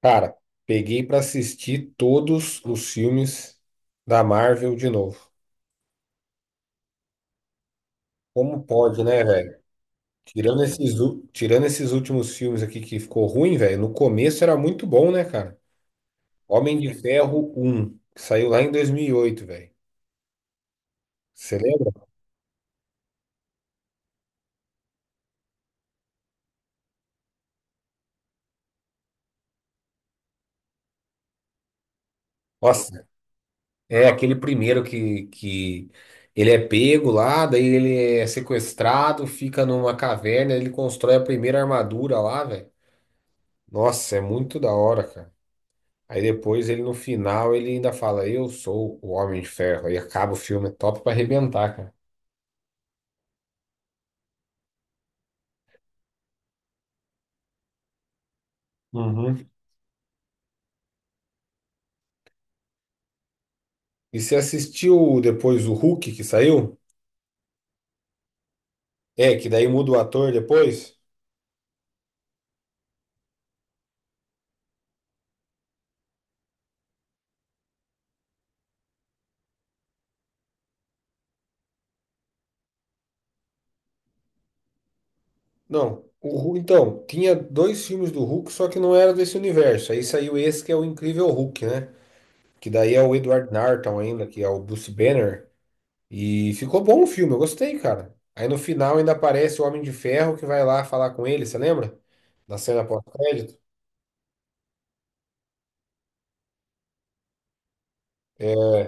Cara, peguei pra assistir todos os filmes da Marvel de novo. Como pode, né, velho? Tirando esses últimos filmes aqui que ficou ruim, velho. No começo era muito bom, né, cara? Homem de Ferro um, que saiu lá em 2008, velho. Você lembra? Nossa, é aquele primeiro que ele é pego lá, daí ele é sequestrado, fica numa caverna, ele constrói a primeira armadura lá, velho. Nossa, é muito da hora, cara. Aí depois ele no final ele ainda fala, eu sou o Homem de Ferro. Aí acaba o filme, é top pra arrebentar, cara. Uhum. E você assistiu depois o Hulk que saiu? É, que daí muda o ator depois? Não. O Hulk, então, tinha dois filmes do Hulk, só que não era desse universo. Aí saiu esse que é o Incrível Hulk, né? Que daí é o Edward Norton ainda, que é o Bruce Banner. E ficou bom o filme, eu gostei, cara. Aí no final ainda aparece o Homem de Ferro que vai lá falar com ele, você lembra? Da cena pós-crédito. É.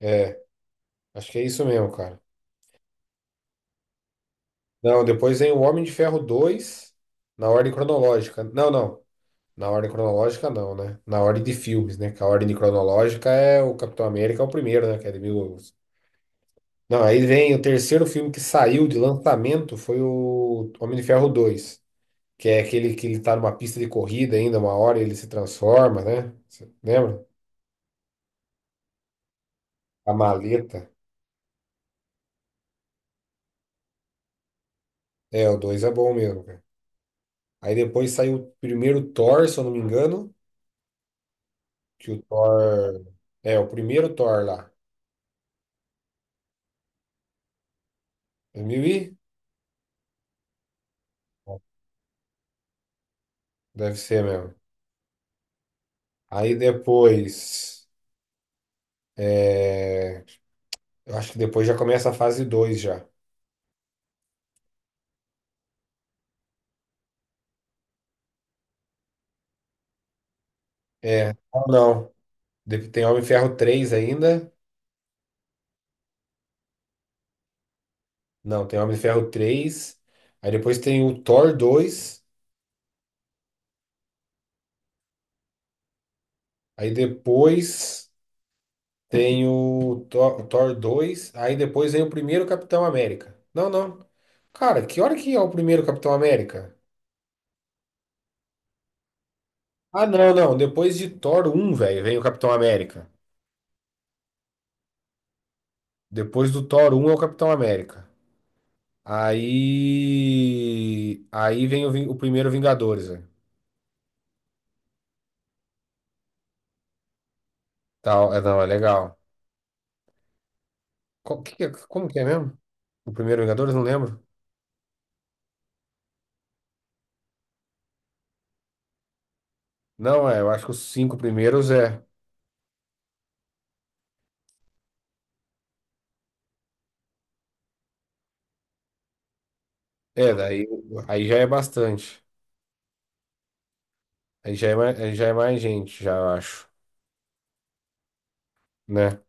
É, acho que é isso mesmo, cara. Não, depois vem o Homem de Ferro 2 na ordem cronológica. Não, não. Na ordem cronológica, não, né? Na ordem de filmes, né? Que a ordem cronológica é o Capitão América, é o primeiro, né? Que é de mil... Não, aí vem o terceiro filme que saiu de lançamento foi o Homem de Ferro 2, que é aquele que ele tá numa pista de corrida ainda, uma hora ele se transforma, né? Cê lembra? A maleta. É, o 2 é bom mesmo, cara. Aí depois saiu o primeiro Thor, se eu não me engano. Que o Thor. É, o primeiro Thor lá. 2000 e? Deve ser mesmo. Aí depois. é, Eu acho que depois já começa a fase 2 já. É. Ou não. Tem Homem de Ferro 3 ainda. Não, tem Homem de Ferro três. Aí depois tem o Thor dois. Aí depois tem o Thor 2. Aí depois vem o primeiro Capitão América. Não, não. Cara, que hora que é o primeiro Capitão América? Ah, não, não. Depois de Thor um, velho, vem o Capitão América. Depois do Thor um, é o Capitão América. Aí. Aí vem o, o primeiro Vingadores, velho. Tal, é, não, é legal. Que como que é mesmo? O primeiro Vingadores? Não lembro. Não, é, eu acho que os cinco primeiros é. É, daí aí já é bastante. Aí já é mais, aí já é mais gente, já eu acho, né?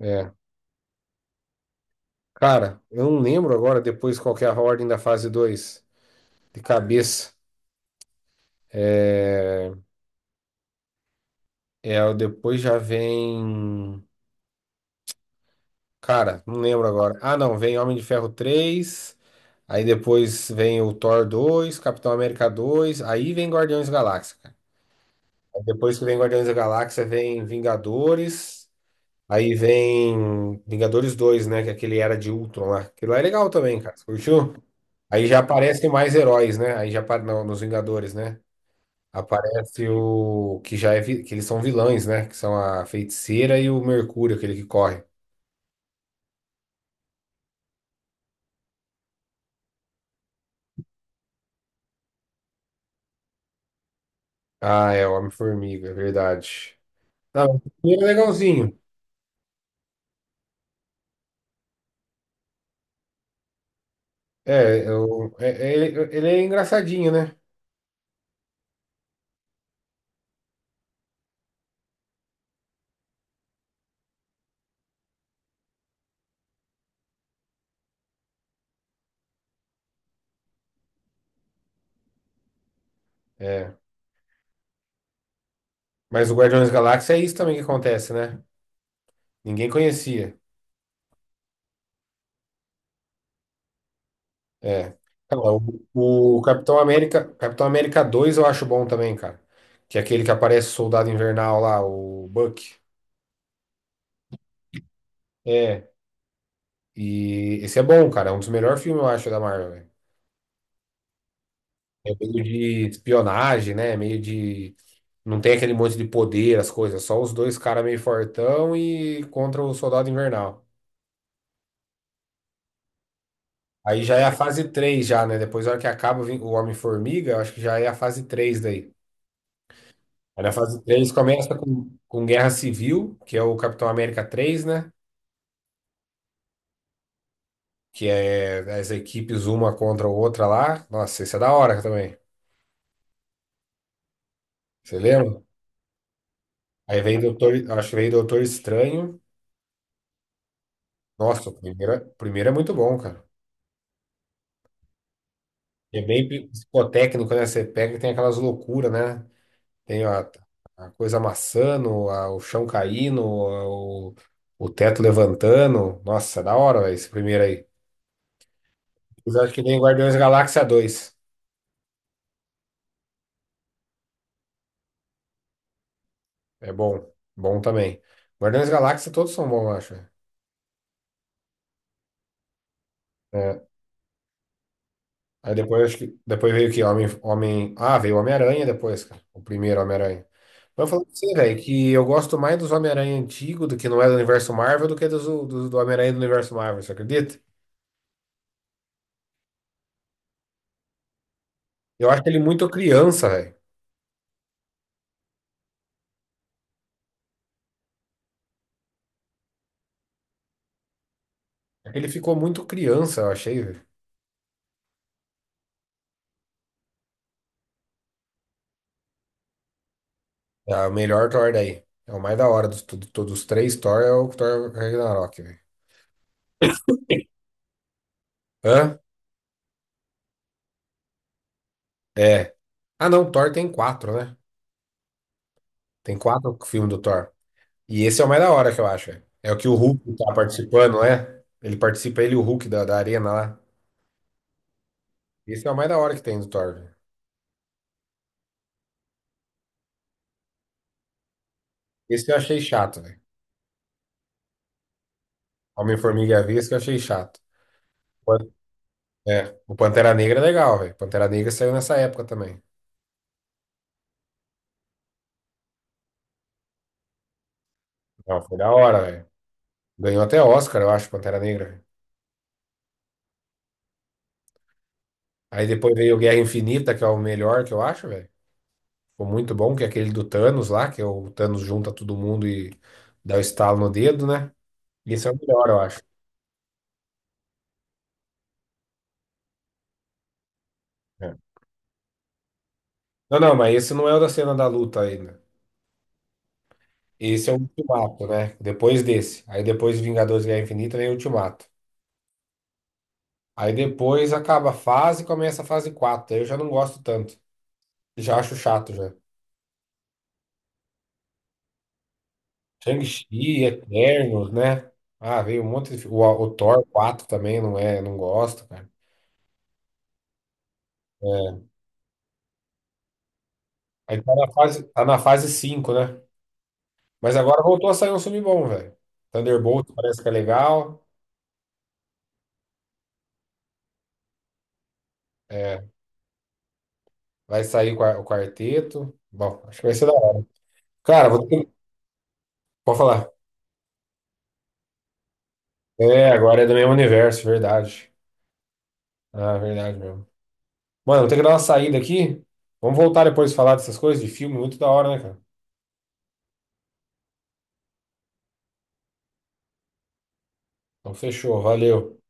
É. Cara, eu não lembro agora depois qual que é a ordem da fase 2 de cabeça. É. É, o depois já vem. Cara, não lembro agora. Ah, não, vem Homem de Ferro três. Aí depois vem o Thor dois, Capitão América dois. Aí vem Guardiões da Galáxia, cara. Aí depois que vem Guardiões da Galáxia, vem Vingadores. Aí vem Vingadores dois, né? Que é aquele Era de Ultron lá. Aquilo lá é legal também, cara. Você curtiu? Aí já aparecem mais heróis, né? Aí já não, nos Vingadores, né? Aparece o que já é que eles são vilões, né? Que são a Feiticeira e o Mercúrio, aquele que corre. Ah, é, o Homem-Formiga, é verdade. Não, ele é legalzinho. É, eu, ele é engraçadinho, né? É. Mas o Guardiões da Galáxia é isso também que acontece, né? Ninguém conhecia. É. Cara, o Capitão América, Capitão América 2, eu acho bom também, cara. Que é aquele que aparece o Soldado Invernal lá, o Buck. É. E esse é bom, cara. É um dos melhores filmes, eu acho, da Marvel, velho. É meio de espionagem, né? Meio de. Não tem aquele monte de poder, as coisas. Só os dois caras meio fortão e contra o Soldado Invernal. Aí já é a fase 3 já, né? Depois, na hora que acaba vem o Homem-Formiga, eu acho que já é a fase três daí. Aí na fase 3 começa com Guerra Civil, que é o Capitão América três, né? Que é as equipes uma contra a outra lá. Nossa, isso é da hora também. Você lembra? Aí vem Doutor, acho que vem Doutor Estranho. Nossa, o primeiro é muito bom, cara. É bem psicotécnico, né? Você pega e tem aquelas loucuras, né? Tem a coisa amassando, o chão caindo, o teto levantando. Nossa, é da hora, velho, esse primeiro aí. Mas acho que nem Guardiões da Galáxia dois. É bom. Bom também. Guardiões da Galáxia todos são bons, eu acho. É. Aí depois acho que. Depois veio o quê? Homem... Ah, veio o Homem-Aranha depois, cara. O primeiro Homem-Aranha. Mas eu falo pra você, velho, que eu gosto mais dos Homem-Aranha antigos, do que não é do universo Marvel, do que dos, do, do Homem-Aranha do universo Marvel, você acredita? Eu acho ele muito criança, velho. Ele ficou muito criança, eu achei. É a melhor Thor daí. É o mais da hora dos, todos os três Thor é o Thor Ragnarok, velho. Hã? É. Ah, não, Thor tem quatro, né? Tem quatro filmes do Thor. E esse é o mais da hora que eu acho, velho. É o que o Hulk tá participando, né? Ele participa, ele e o Hulk da arena lá. Esse é o mais da hora que tem do Thor, velho. Esse eu achei chato, velho. Homem-Formiga e a Vespa eu achei chato. Pan- É, o Pantera Negra é legal, velho. Pantera Negra saiu nessa época também. Não, foi da hora, velho. Ganhou até Oscar, eu acho, Pantera Negra, velho. Aí depois veio Guerra Infinita, que é o melhor que eu acho, velho. Ficou muito bom, que é aquele do Thanos lá, que é o Thanos junta todo mundo e dá o estalo no dedo, né? Esse é o melhor, eu acho. É. Não, não, mas esse não é o da cena da luta ainda. Esse é o Ultimato, né? Depois desse. Aí depois Vingadores Guerra Infinita vem o Ultimato. Aí depois acaba a fase e começa a fase quatro. Aí eu já não gosto tanto. Já acho chato já. Shang-Chi, Eternos, né? Ah, veio um monte de. O Thor 4 também não é, não gosto, cara. É. Aí tá na fase 5, né? Mas agora voltou a sair um filme bom, velho. Thunderbolt parece que é legal. É, vai sair o o quarteto. Bom, acho que vai ser da hora. Cara, vou ter que... Pode falar. É, agora é do mesmo universo, verdade. Ah, verdade mesmo. Mano, vou ter que dar uma saída aqui. Vamos voltar depois a falar dessas coisas de filme, muito da hora, né, cara? Então fechou, valeu.